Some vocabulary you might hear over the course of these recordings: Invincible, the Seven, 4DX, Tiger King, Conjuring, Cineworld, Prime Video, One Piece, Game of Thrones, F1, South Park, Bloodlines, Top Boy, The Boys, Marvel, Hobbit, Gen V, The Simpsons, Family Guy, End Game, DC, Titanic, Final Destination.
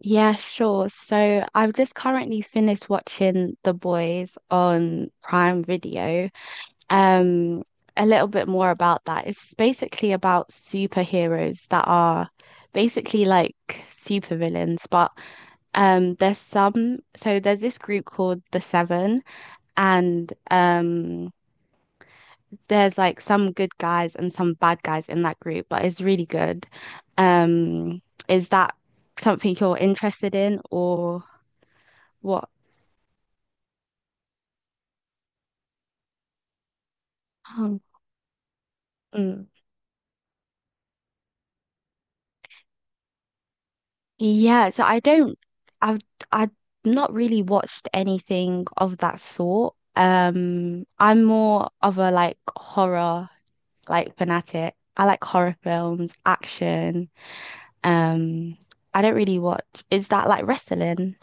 Yeah, sure. So I've just currently finished watching The Boys on Prime Video. Um, a little bit more about that. It's basically about superheroes that are basically like supervillains, but there's some so there's this group called the Seven, and there's like some good guys and some bad guys in that group, but it's really good. Um, is that something you're interested in, or what? Um, mm, yeah, so I don't, I've, I've not really watched anything of that sort. I'm more of a like horror, like fanatic. I like horror films, action. Um, I don't really watch. Is that like wrestling?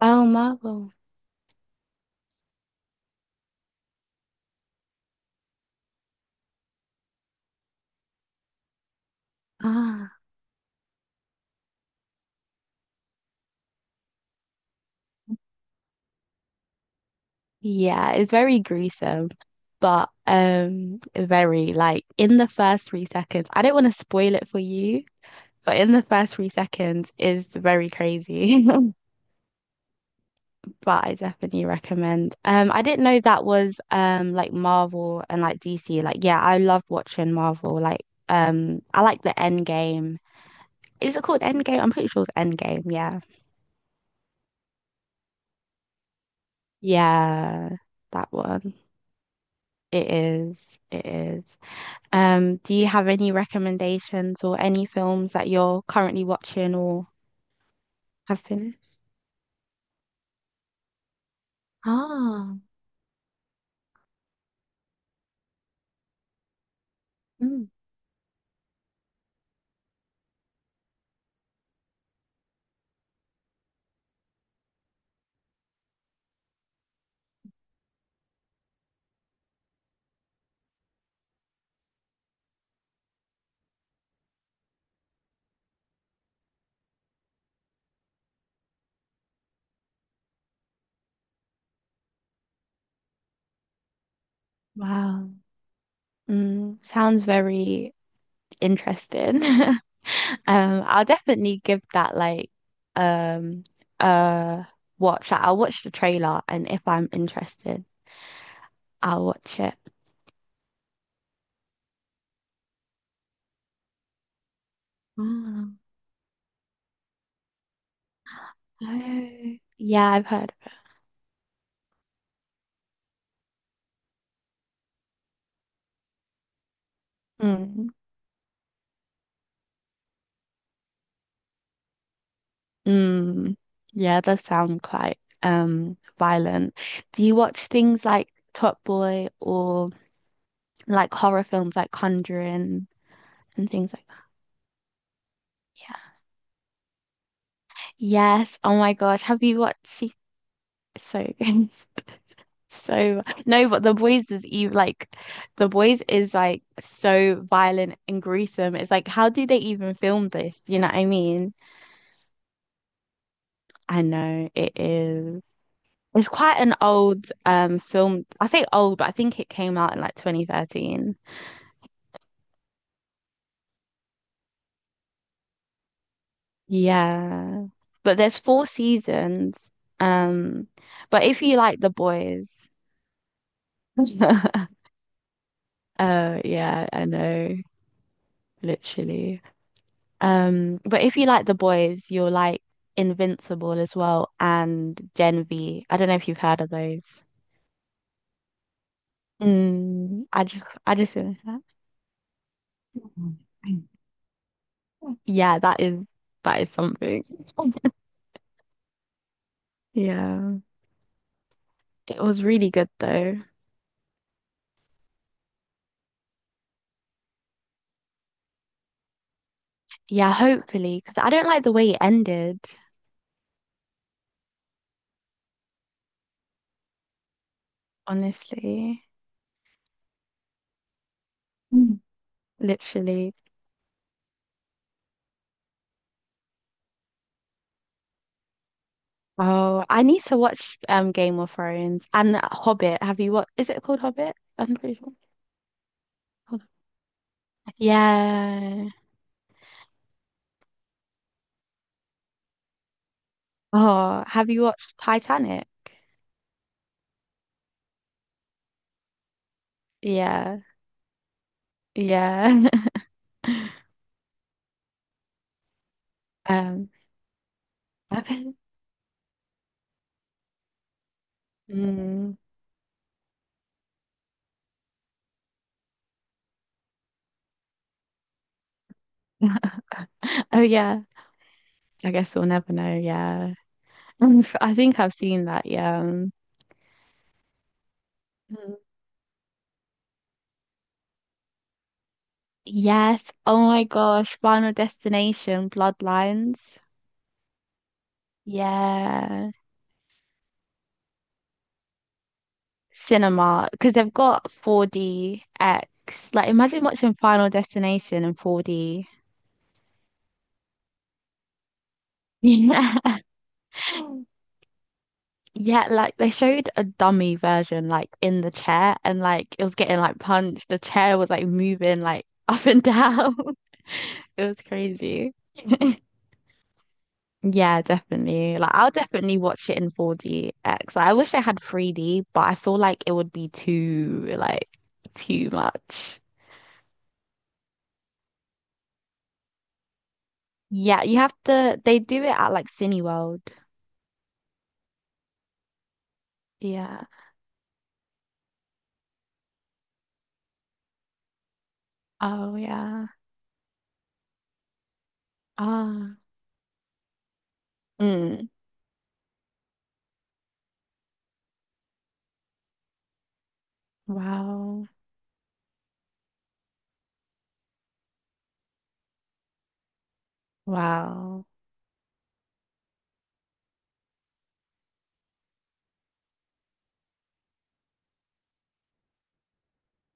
Oh, Marvel. Ah, yeah, it's very gruesome, but very like in the first 3 seconds. I don't want to spoil it for you. But in the first 3 seconds is very crazy. But I definitely recommend. I didn't know that was like Marvel and like DC. Like, yeah, I love watching Marvel. Like, I like the End Game. Is it called End Game? I'm pretty sure it's End Game. Yeah, yeah, that one. It is. It is. Do you have any recommendations, or any films that you're currently watching or have finished? Ah, mm, wow. Mm, sounds very interesting. I'll definitely give that like um uh watch. Like, I'll watch the trailer, and if I'm interested, I'll watch it. Oh, oh, yeah, I've heard of it. Mm. Mm. Yeah, it does sound quite violent. Do you watch things like Top Boy or like horror films like Conjuring and things like that? Yeah. Yes. Oh my gosh. Have you watched? So good. So no, but The Boys is like so violent and gruesome. It's like, how do they even film this? You know what I mean? I know it is. It's quite an old film. I say old, but I think it came out in like 2013. Yeah. But there's four seasons. Um, but if you like The Boys, oh yeah, I know, literally. But if you like the boys, you'll like Invincible as well, and Gen V. I don't know if you've heard of those. Mm, I just finished that. Yeah, that is something. Yeah. It was really good though. Yeah, hopefully, because I don't like the way it ended, honestly. Mm. Literally. Oh, I need to watch Game of Thrones and Hobbit. Have you, what is it called, Hobbit? I'm pretty sure it's called Hobbit. Yeah. Oh, have you watched Titanic? Yeah, yeah. Um, okay. Mm. Oh yeah, I guess we'll never know. Yeah, I think I've seen that. Yeah. Mm. Yes. Oh my gosh, Final Destination, Bloodlines. Yeah, cinema, because they've got 4DX. Like, imagine watching Final Destination in 4D. Yeah. Yeah, like they showed a dummy version, like in the chair, and like it was getting like punched. The chair was like moving like up and down. It was crazy. Yeah, definitely. Like, I'll definitely watch it in 4DX. Like, I wish I had 3D, but I feel like it would be too like too much. Yeah, you have to. They do it at like Cineworld. Yeah. Oh yeah. Ah. Mm. Wow. Wow.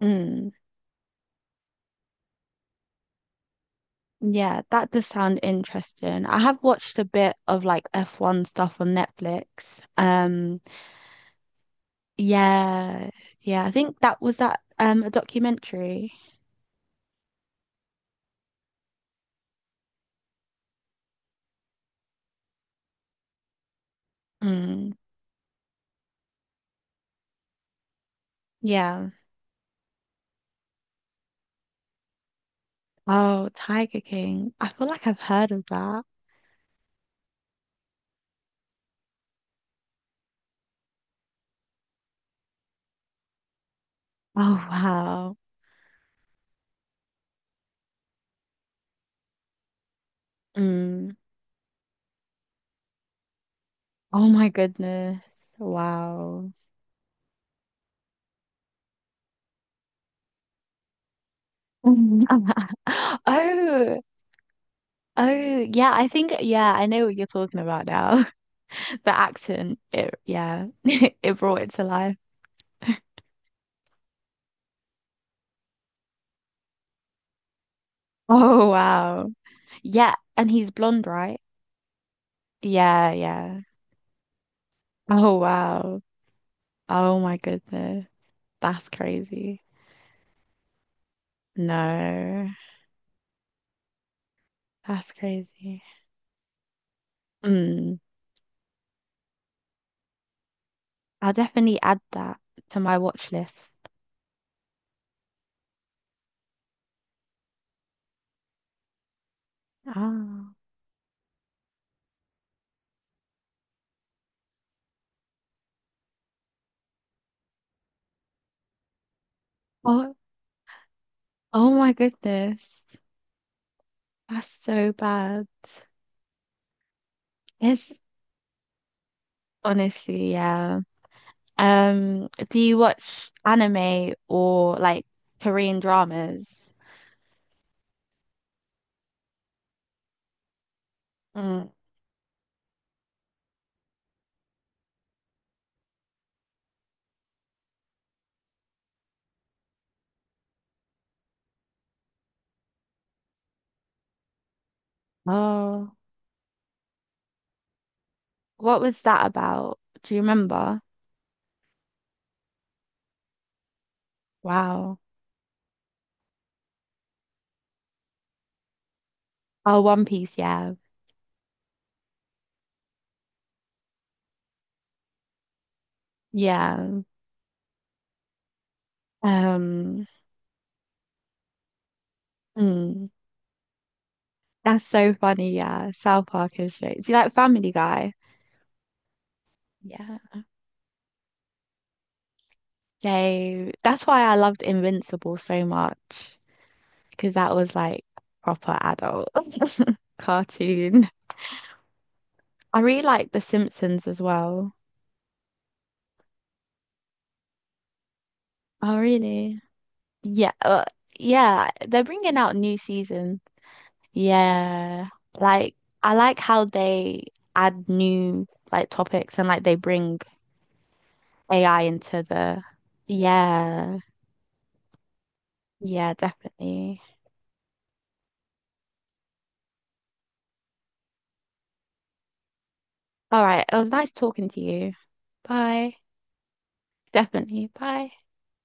Mm. Yeah, that does sound interesting. I have watched a bit of like F1 stuff on Netflix. Yeah, yeah, I think that was that a documentary. Mm, yeah. Oh, Tiger King. I feel like I've heard of that. Oh, wow. Mm. Oh my goodness. Wow. Oh, oh, yeah, I think, yeah, I know what you're talking about now. The accent, it, yeah, it brought it to life. Oh wow. Yeah, and he's blonde, right? Yeah, yeah. Oh wow. Oh my goodness. That's crazy. No, that's crazy. Mm. I'll definitely add that to my watch list. Ah. Oh, oh my goodness. That's so bad. It's honestly, yeah. Do you watch anime or like Korean dramas? Mm. Oh. What was that about? Do you remember? Wow. Oh, One Piece, yeah. Yeah. Um, mm. That's so funny, yeah. South Park is great. See, like Family Guy. Yeah. So that's why I loved Invincible so much, because that was like proper adult cartoon. I really like The Simpsons as well. Oh, really? Yeah, yeah, they're bringing out new seasons. Yeah. Like, I like how they add new like topics, and like they bring AI into the. Yeah. Yeah, definitely. All right. It was nice talking to you. Bye. Definitely. Bye.